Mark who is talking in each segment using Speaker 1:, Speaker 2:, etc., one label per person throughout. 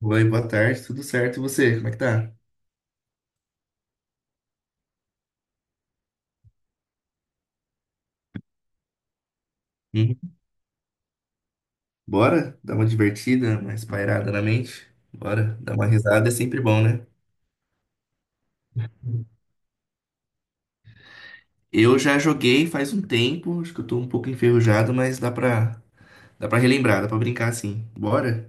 Speaker 1: Oi, boa tarde, tudo certo? E você, como é que tá? Uhum. Bora dar uma divertida, mais pairada na mente? Bora, dar uma risada é sempre bom, né? Eu já joguei faz um tempo, acho que eu tô um pouco enferrujado, mas dá pra relembrar, dá pra brincar assim. Bora?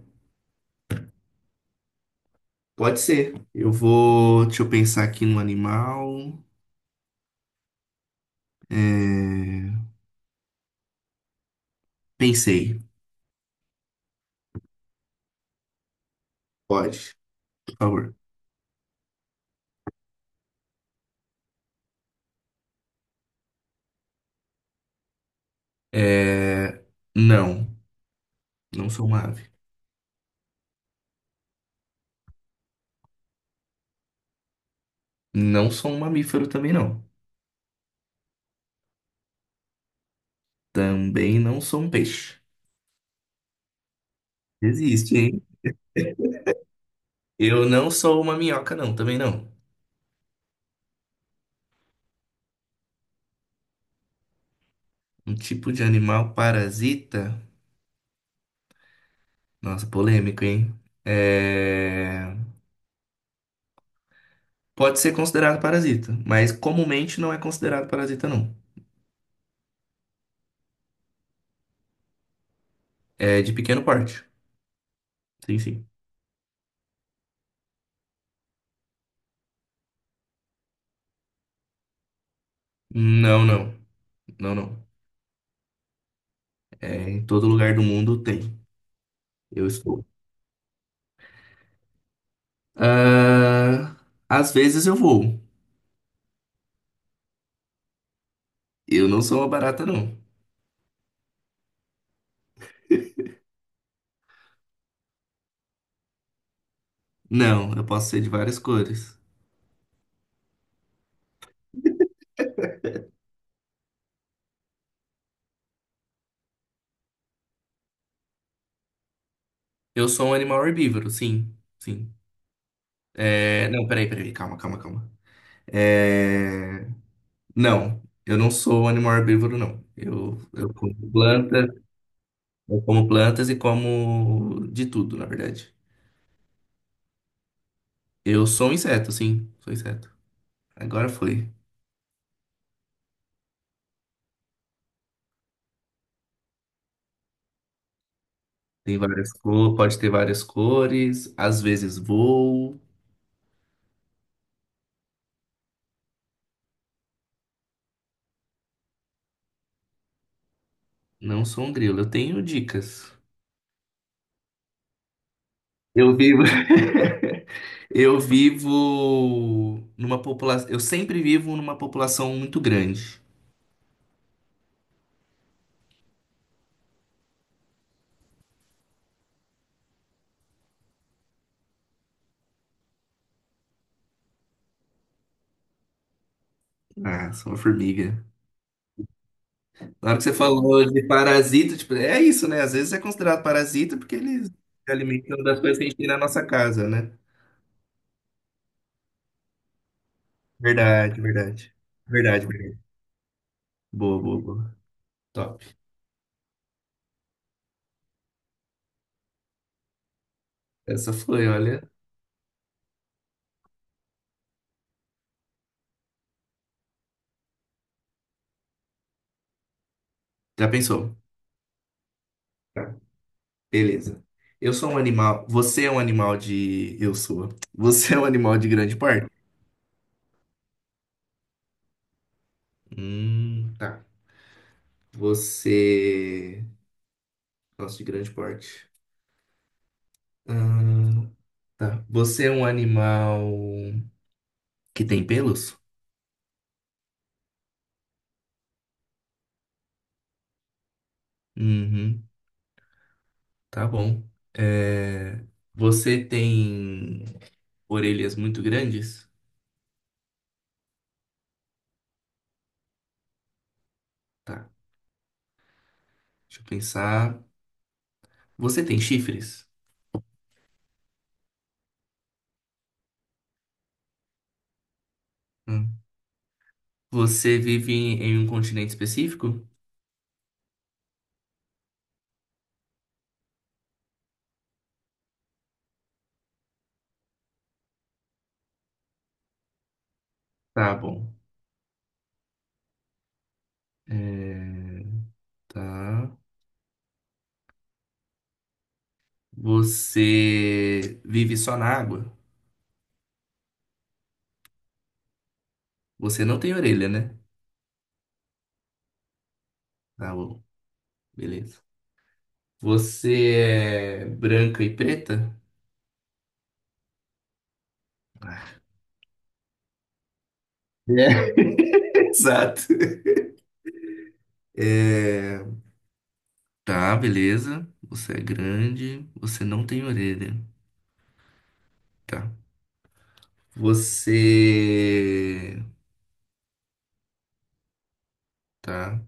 Speaker 1: Pode ser. Eu vou. Deixa eu pensar aqui no animal. É, Pensei. Pode, por favor. É... Não, não sou uma ave. Não sou um mamífero também, não. Também não sou um peixe. Existe, hein? Eu não sou uma minhoca, não, também não. Um tipo de animal parasita. Nossa, polêmico, hein? É... Pode ser considerado parasita, mas comumente não é considerado parasita, não. É de pequeno porte. Sim, sim. Não, não. Não, não. É, em todo lugar do mundo tem. Eu estou. Ah, às vezes eu vou. Eu não sou uma barata, não. Não, eu posso ser de várias cores. Eu sou um animal herbívoro, sim. Sim. Não, peraí, peraí. Calma, calma, calma. É, Não, eu não sou um animal herbívoro, não. Eu como planta, eu como plantas e como de tudo, na verdade. Eu sou um inseto, sim, sou inseto. Agora foi. Tem várias cores, pode ter várias cores, às vezes voo. Não sou um grilo, eu tenho dicas. Eu vivo, eu vivo numa população, eu sempre vivo numa população muito grande. Ah, sou uma formiga. Na hora que você falou de parasita, tipo, é isso, né? Às vezes é considerado parasita porque eles se alimentam das coisas que a gente tem na nossa casa, né? Verdade, verdade. Verdade, verdade. Boa, boa, boa. Top. Essa foi, olha. Já pensou? Tá. Beleza. Eu sou um animal. Você é um animal de. Eu sou. Você é um animal de grande porte? Tá. Você. Nossa, de grande porte. Hum, tá. Você é um animal que tem pelos? Uhum. Tá bom. É, Você tem orelhas muito grandes? Tá, deixa eu pensar. Você tem chifres? Hum. Você vive em um continente específico? Tá bom. É, Tá. Você vive só na água? Você não tem orelha, né? Tá bom, beleza. Você é branca e preta? É. Exato. É, Tá, beleza. Você é grande, você não tem orelha. Tá. Você. Tá.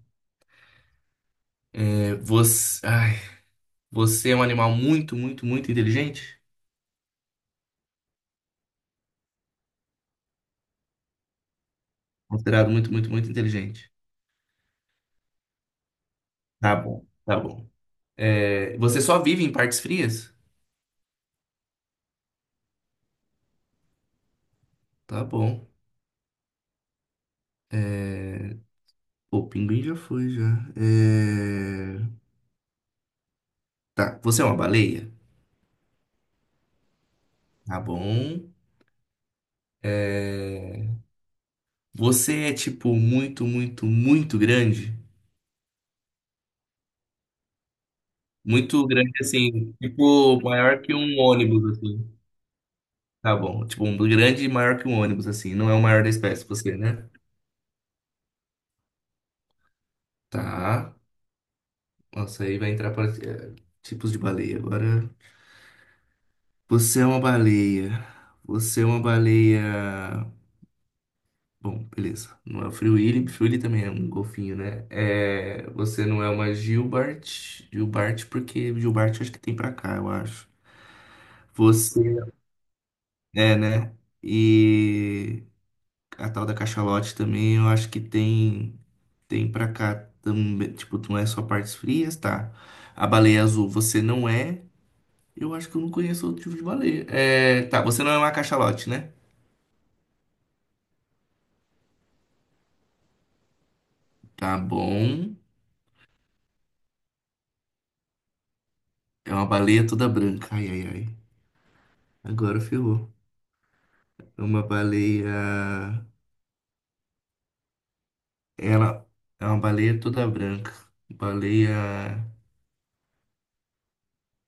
Speaker 1: Você. Ai, você é um animal muito, muito, muito inteligente? Considerado muito, muito, muito inteligente. Tá bom, tá bom. Você só vive em partes frias? Tá bom. O pinguim já foi, já. É, Tá. Você é uma baleia? Tá bom. É, Você é, tipo, muito, muito, muito grande? Muito grande, assim. Tipo, maior que um ônibus, assim. Tá bom. Tipo, um grande e maior que um ônibus, assim. Não é o maior da espécie, você, né? Tá. Nossa, aí vai entrar para tipos de baleia. Agora, você é uma baleia. Você é uma baleia. Bom, beleza. Não é o Free Willy. Free Willy também é um golfinho, né? Você não é uma Gilbert. Gilbert, porque Gilbert acho que tem pra cá, eu acho. Você é, né? E a tal da cachalote também, eu acho que tem pra cá também, tipo, não é só partes frias, tá? A baleia azul, você não é. Eu acho que eu não conheço outro tipo de baleia. É, tá, você não é uma cachalote, né? Tá bom. É uma baleia toda branca. Ai, ai, ai. Agora ferrou. É uma baleia. Ela é uma baleia toda branca. Baleia.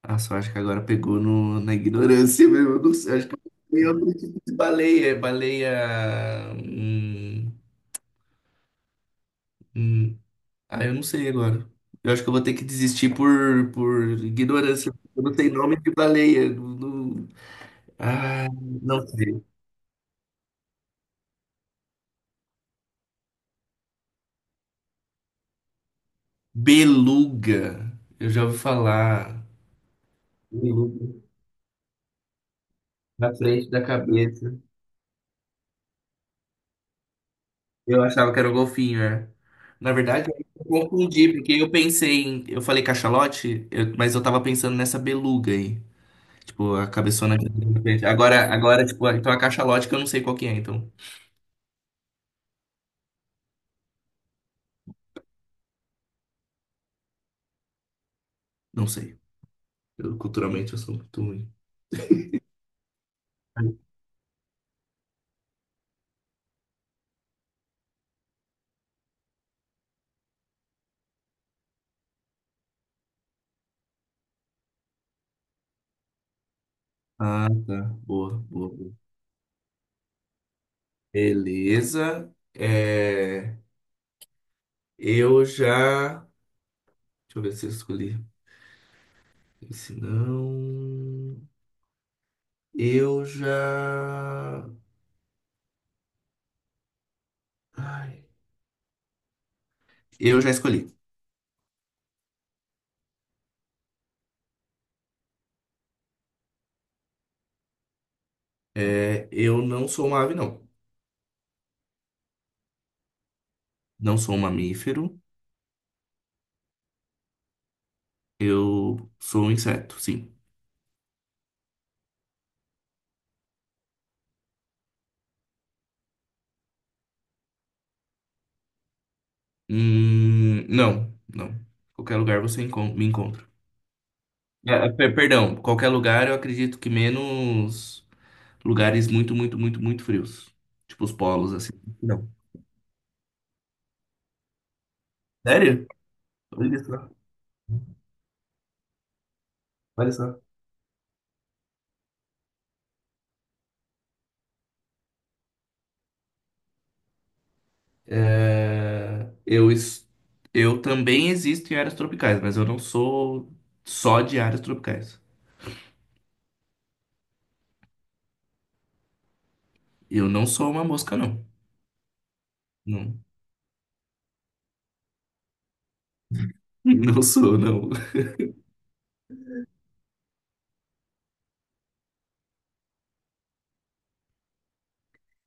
Speaker 1: Ah, só acho que agora pegou no... na ignorância mesmo. Eu não sei. Acho que é outro tipo de baleia. É Baleia. Hum. Ah, eu não sei agora. Eu acho que eu vou ter que desistir por ignorância. Eu não tenho nome de baleia. Ah, não sei. Beluga. Eu já ouvi falar. Beluga na frente da cabeça. Eu achava que era o golfinho, é. Na verdade, eu confundi, porque eu pensei em. Eu falei cachalote, mas eu tava pensando nessa beluga aí. Tipo, a cabeçona que tem na frente. Tipo, então a cachalote que eu não sei qual que é, então. Não sei. Eu, culturalmente eu sou muito ruim. Ah, tá. Boa, boa, boa. Beleza. Eu já. Deixa eu ver se eu escolhi Se não, eu já. Ai, eu já escolhi. Eu não sou uma ave, não. Não sou um mamífero. Eu sou um inseto, sim. Não, não. Qualquer lugar você me encontra. Perdão, qualquer lugar eu acredito que menos lugares muito, muito, muito, muito frios. Tipo os polos, assim. Não. Sério? Olha só, olha só. É, eu, es- eu também existo em áreas tropicais, mas eu não sou só de áreas tropicais. Eu não sou uma mosca, não. Não, não sou, não.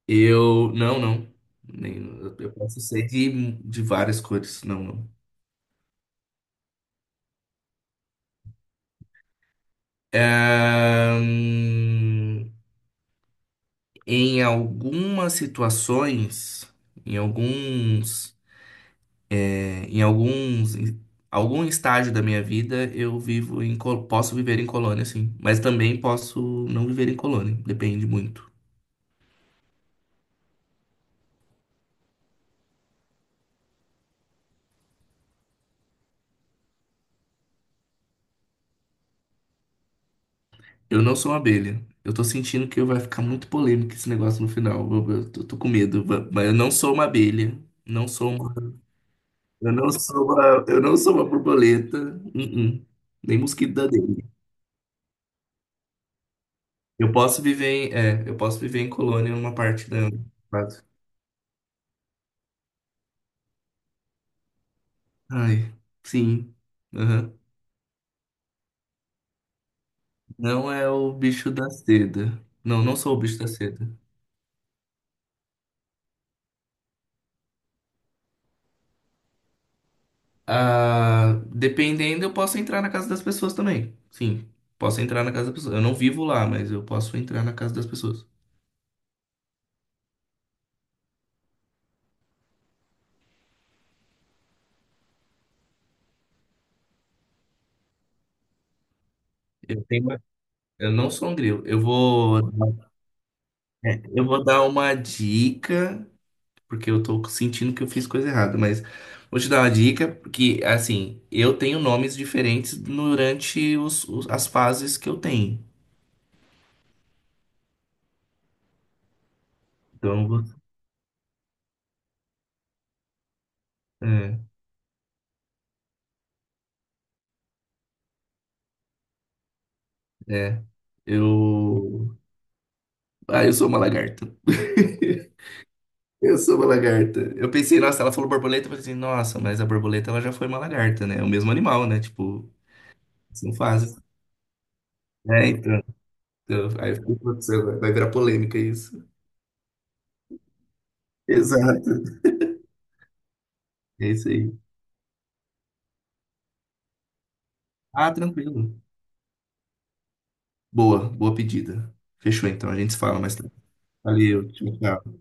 Speaker 1: Eu. Não, não. Eu posso ser de várias cores. Não, não. Ahn, em algumas situações, em alguns. Em algum estágio da minha vida, eu vivo em, posso viver em colônia, sim. Mas também posso não viver em colônia, depende muito. Eu não sou uma abelha. Eu tô sentindo que vai ficar muito polêmico esse negócio no final. Tô com medo. Mas eu não sou uma abelha. Não sou uma, eu não sou uma borboleta. Uh-uh. Nem mosquito da dengue. Eu posso viver em, é, eu posso viver em colônia numa parte da. Ai, sim. Não é o bicho da seda. Não, não sou o bicho da seda. Ah, dependendo, eu posso entrar na casa das pessoas também. Sim, posso entrar na casa das pessoas. Eu não vivo lá, mas eu posso entrar na casa das pessoas. Eu tenho uma- Eu não sou um grilo. Eu vou dar uma dica, porque eu tô sentindo que eu fiz coisa errada, mas vou te dar uma dica, porque, assim, eu tenho nomes diferentes durante as fases que eu tenho. Então, eu vou- é, é. Eu Ah, eu sou uma lagarta. Eu sou uma lagarta. Eu pensei, nossa, ela falou borboleta, eu pensei, nossa, mas a borboleta ela já foi uma lagarta, né? É o mesmo animal, né? Tipo, são fases. É, então. Aí eu fiquei, putz, vai virar polêmica isso. Exato. É isso aí. Ah, tranquilo. Boa, boa pedida. Fechou então, a gente se fala mais tarde. Valeu, tchau, tchau.